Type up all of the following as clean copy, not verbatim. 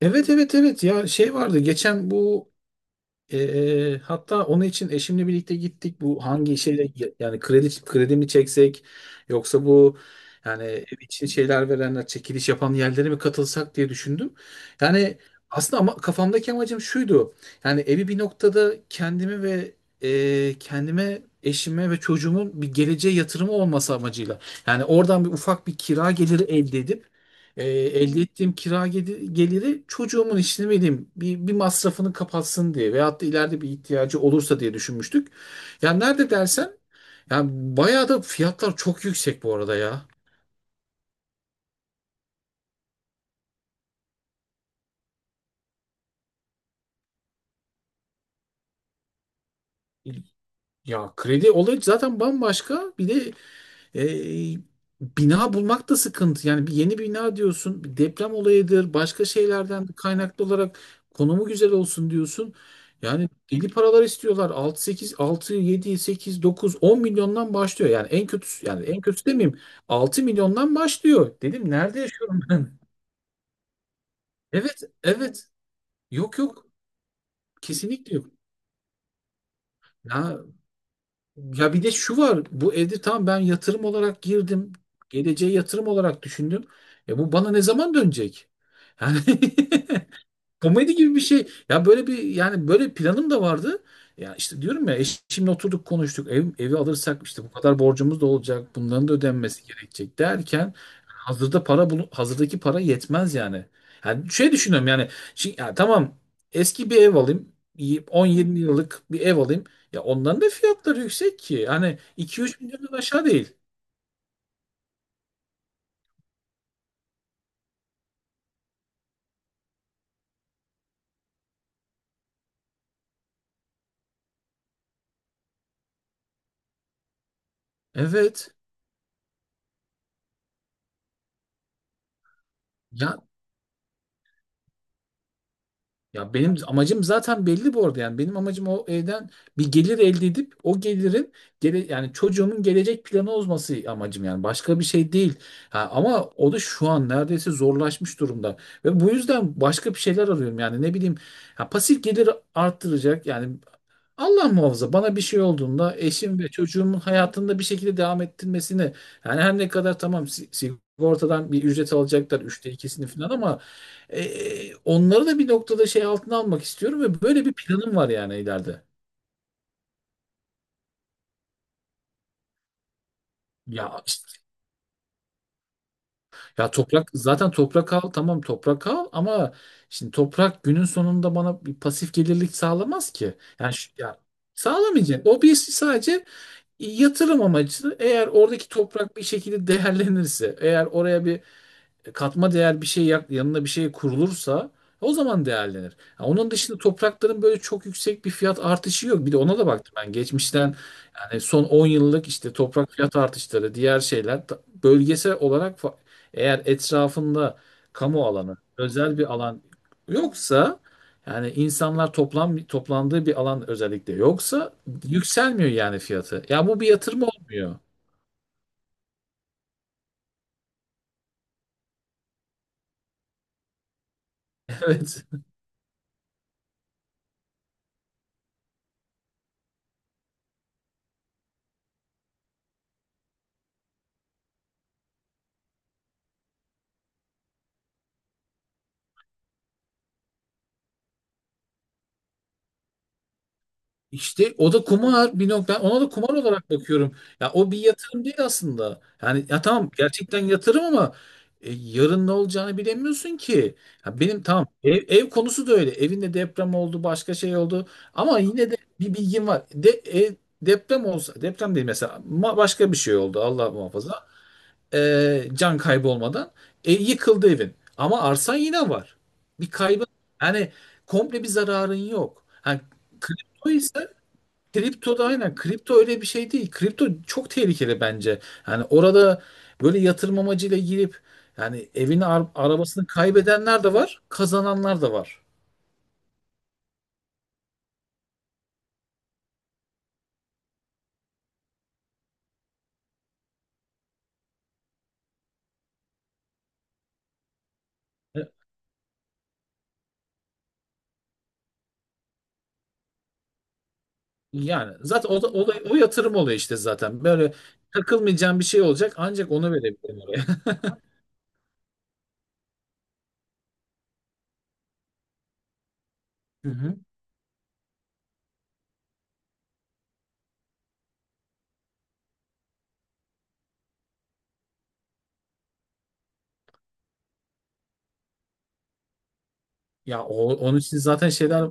Evet, evet, evet, ya şey vardı geçen bu, hatta onun için eşimle birlikte gittik bu hangi şeyle, yani kredi mi çeksek yoksa bu, yani ev için şeyler verenler, çekiliş yapan yerlere mi katılsak diye düşündüm. Yani aslında, ama kafamdaki amacım şuydu: yani evi bir noktada kendimi ve kendime, eşime ve çocuğumun bir geleceğe yatırımı olması amacıyla, yani oradan bir ufak bir kira geliri elde edip, elde ettiğim kira geliri çocuğumun, işte ne bileyim, bir masrafını kapatsın diye veyahut da ileride bir ihtiyacı olursa diye düşünmüştük. Ya nerede dersen, yani bayağı da fiyatlar çok yüksek bu arada ya. Ya kredi olayı zaten bambaşka. Bir de E, bina bulmak da sıkıntı. Yani bir yeni bina diyorsun, bir deprem olayıdır, başka şeylerden kaynaklı olarak konumu güzel olsun diyorsun. Yani deli paralar istiyorlar. 6, 8, 6, 7, 8, 9, 10 milyondan başlıyor. Yani en kötüsü, yani en kötüsü demeyeyim. 6 milyondan başlıyor. Dedim, nerede yaşıyorum ben? Evet, evet. Yok, yok. Kesinlikle yok. Ya Ya, bir de şu var. Bu evde, tamam, ben yatırım olarak girdim. Geleceğe yatırım olarak düşündüm. Ya bu bana ne zaman dönecek? Yani komedi gibi bir şey. Ya böyle bir, yani böyle planım da vardı. Ya işte, diyorum ya, eşimle oturduk konuştuk. Evi alırsak işte bu kadar borcumuz da olacak. Bunların da ödenmesi gerekecek derken, hazırda para hazırdaki para yetmez yani. Yani şey düşünüyorum yani, şey, ya tamam, eski bir ev alayım. 10-20 yıllık bir ev alayım. Ya onların da fiyatları yüksek ki. Hani 2-3 milyondan aşağı değil. Evet. Ya ya, benim amacım zaten belli bu arada, yani benim amacım o evden bir gelir elde edip o gelirin, yani çocuğumun gelecek planı olması; amacım yani başka bir şey değil. Ha, ama o da şu an neredeyse zorlaşmış durumda ve bu yüzden başka bir şeyler arıyorum, yani ne bileyim, ya pasif gelir arttıracak yani. Allah muhafaza bana bir şey olduğunda eşim ve çocuğumun hayatında bir şekilde devam ettirmesini, yani her ne kadar tamam sigortadan bir ücret alacaklar, üçte ikisini falan, ama onları da bir noktada şey altına almak istiyorum ve böyle bir planım var yani ileride. Ya ya toprak, zaten toprak al, tamam, toprak al, ama şimdi toprak günün sonunda bana bir pasif gelirlik sağlamaz ki. Yani ya sağlamayacak. O bir sadece yatırım amacı. Eğer oradaki toprak bir şekilde değerlenirse, eğer oraya bir katma değer bir şey yanına bir şey kurulursa, o zaman değerlenir. Ha, onun dışında toprakların böyle çok yüksek bir fiyat artışı yok. Bir de ona da baktım ben geçmişten, yani son 10 yıllık işte toprak fiyat artışları, diğer şeyler bölgesel olarak eğer etrafında kamu alanı, özel bir alan yoksa, yani insanlar toplandığı bir alan özellikle yoksa, yükselmiyor yani fiyatı. Ya bu bir yatırım olmuyor. Evet. İşte o da kumar bir nokta. Ona da kumar olarak bakıyorum. Ya o bir yatırım değil aslında. Yani ya tamam, gerçekten yatırım, ama yarın ne olacağını bilemiyorsun ki. Ya benim tamam, ev konusu da öyle. Evinde deprem oldu, başka şey oldu. Ama yine de bir bilgim var. Ev, deprem olsa, deprem değil mesela, başka bir şey oldu, Allah muhafaza. Can kaybı olmadan yıkıldı evin. Ama arsan yine var. Bir kaybın, yani komple bir zararın yok. Ha, kripto ise, kripto da aynen. Kripto öyle bir şey değil. Kripto çok tehlikeli bence. Yani orada böyle yatırım amacıyla girip, yani evini arabasını kaybedenler de var, kazananlar da var. E, Yani zaten o da, o yatırım oluyor işte zaten. Böyle takılmayacağın bir şey olacak ancak, onu verebilirim oraya. Hı. Ya onun için zaten şeyler,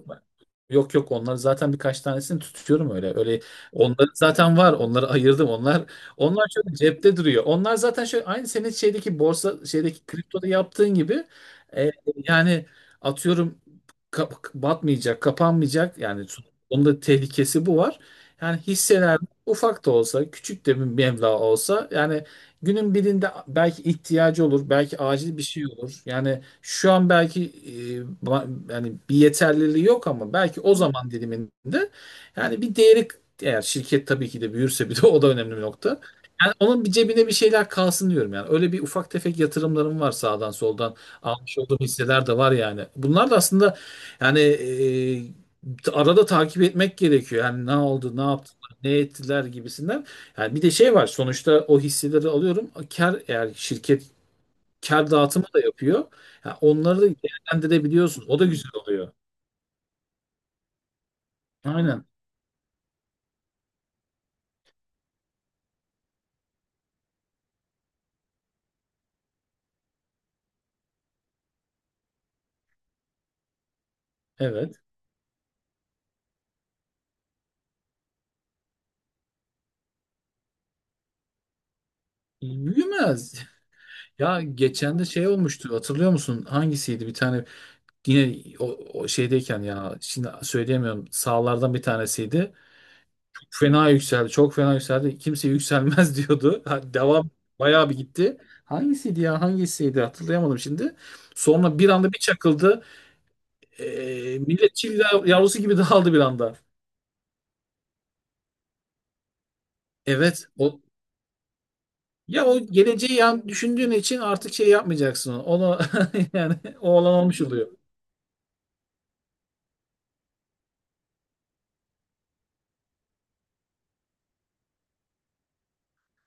yok yok, onları zaten birkaç tanesini tutuyorum öyle. Öyle onları zaten var. Onları ayırdım. Onlar, onlar şöyle cepte duruyor. Onlar zaten şöyle, aynı senin şeydeki borsa, şeydeki kriptoda yaptığın gibi, e, yani atıyorum, batmayacak, kapanmayacak. Yani onun da tehlikesi bu var. Yani hisseler, ufak da olsa, küçük de bir meblağ olsa, yani günün birinde belki ihtiyacı olur, belki acil bir şey olur. Yani şu an belki yani bir yeterliliği yok, ama belki o zaman diliminde, yani bir değeri, eğer şirket tabii ki de büyürse, bir de o da önemli bir nokta. Yani onun, bir cebine bir şeyler kalsın diyorum yani. Öyle bir ufak tefek yatırımlarım var sağdan soldan almış olduğum hisseler de var yani. Bunlar da aslında, yani arada takip etmek gerekiyor. Yani ne oldu, ne yaptılar, ne ettiler gibisinden. Yani bir de şey var, sonuçta o hisseleri alıyorum. Kar, eğer şirket kar dağıtımı da yapıyor. Ya onları da değerlendirebiliyorsun. O da güzel oluyor. Aynen. Evet. Büyümez. Ya geçen de şey olmuştu. Hatırlıyor musun? Hangisiydi? Bir tane, yine o, o şeydeyken, ya şimdi söyleyemiyorum. Sağlardan bir tanesiydi. Fena yükseldi. Çok fena yükseldi. Kimse yükselmez diyordu. Ha, devam, bayağı bir gitti. Hangisiydi ya? Hangisiydi? Hatırlayamadım şimdi. Sonra bir anda bir çakıldı. Millet çil yavrusu gibi dağıldı bir anda. Evet. O, ya o geleceği yan düşündüğün için artık şey yapmayacaksın onu. Onu yani o olan olmuş oluyor.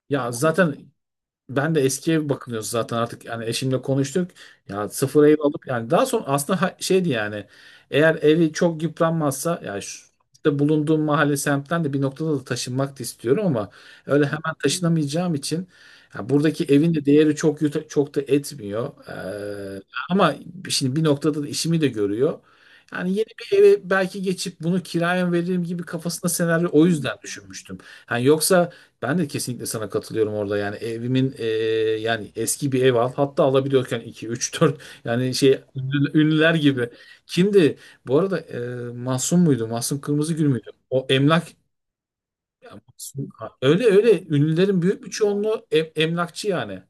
Ya zaten, ben de eskiye bakınıyoruz zaten artık, yani eşimle konuştuk. Ya sıfır ev alıp, yani daha sonra aslında, şeydi yani, eğer evi çok yıpranmazsa ya, şu, işte bulunduğum mahalle semtten de bir noktada da taşınmak da istiyorum, ama öyle hemen taşınamayacağım için, ya buradaki evin de değeri çok çok da etmiyor. Ee, ama şimdi bir noktada da işimi de görüyor. Yani yeni bir eve belki geçip bunu kiraya veririm gibi kafasında senaryo, o yüzden düşünmüştüm. Yani yoksa, ben de kesinlikle sana katılıyorum orada. Yani evimin, yani eski bir ev al. Hatta alabiliyorken iki, üç, dört, yani şey ünlüler gibi. Kimdi? Bu arada, Mahsun muydu? Mahsun Kırmızıgül müydü? O emlak, ya Mahsun, ha, öyle öyle ünlülerin büyük bir çoğunluğu emlakçı yani.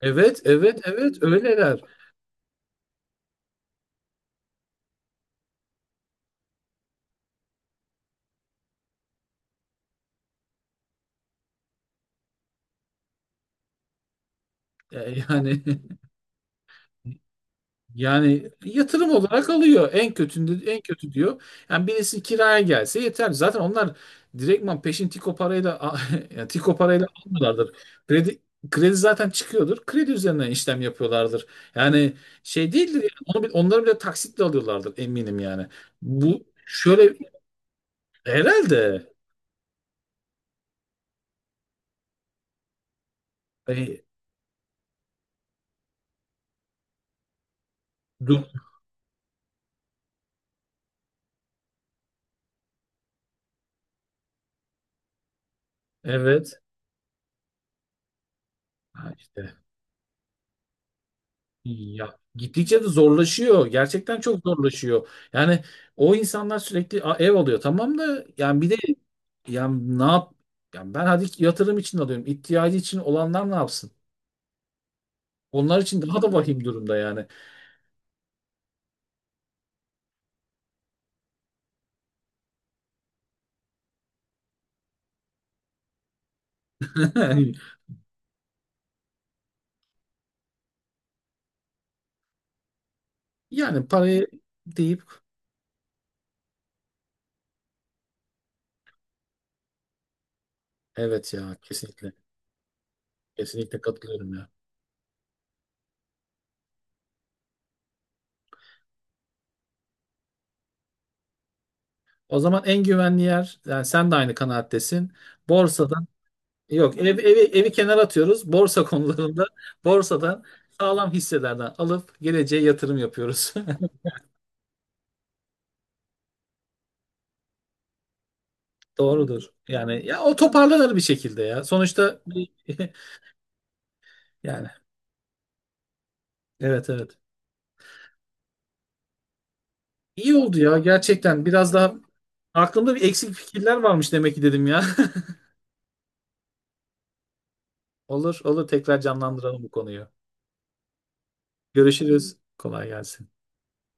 Evet, evet, evet, öyleler. E, Yani yani yatırım olarak alıyor. En kötünde en kötü diyor. Yani birisi kiraya gelse yeter. Zaten onlar direktman peşin Tiko parayla yani Tiko parayla almıyorlardır. Kredi kredi zaten çıkıyordur. Kredi üzerinden işlem yapıyorlardır. Yani şey değildir yani. Onu, onları bile taksitle alıyorlardır eminim yani. Bu şöyle herhalde, E, dur. Evet. Ha, işte. Ya gittikçe de zorlaşıyor. Gerçekten çok zorlaşıyor. Yani o insanlar sürekli, "Aa, ev alıyor tamam, da yani bir de, yani ne yap, yani ben hadi yatırım için alıyorum. İhtiyacı için olanlar ne yapsın? Onlar için daha da vahim durumda yani. Yani parayı deyip, evet ya, kesinlikle. Kesinlikle katılıyorum ya. O zaman en güvenli yer, yani sen de aynı kanaattesin. Borsada, yok, evi kenara atıyoruz. Borsa konularında borsadan sağlam hisselerden alıp geleceğe yatırım yapıyoruz. Doğrudur. Yani ya o toparlanır bir şekilde ya. Sonuçta bir- yani evet, evet. İyi oldu ya, gerçekten, biraz daha aklımda bir eksik fikirler varmış demek ki, dedim ya. Olur olur, tekrar canlandıralım bu konuyu. Görüşürüz. Kolay gelsin.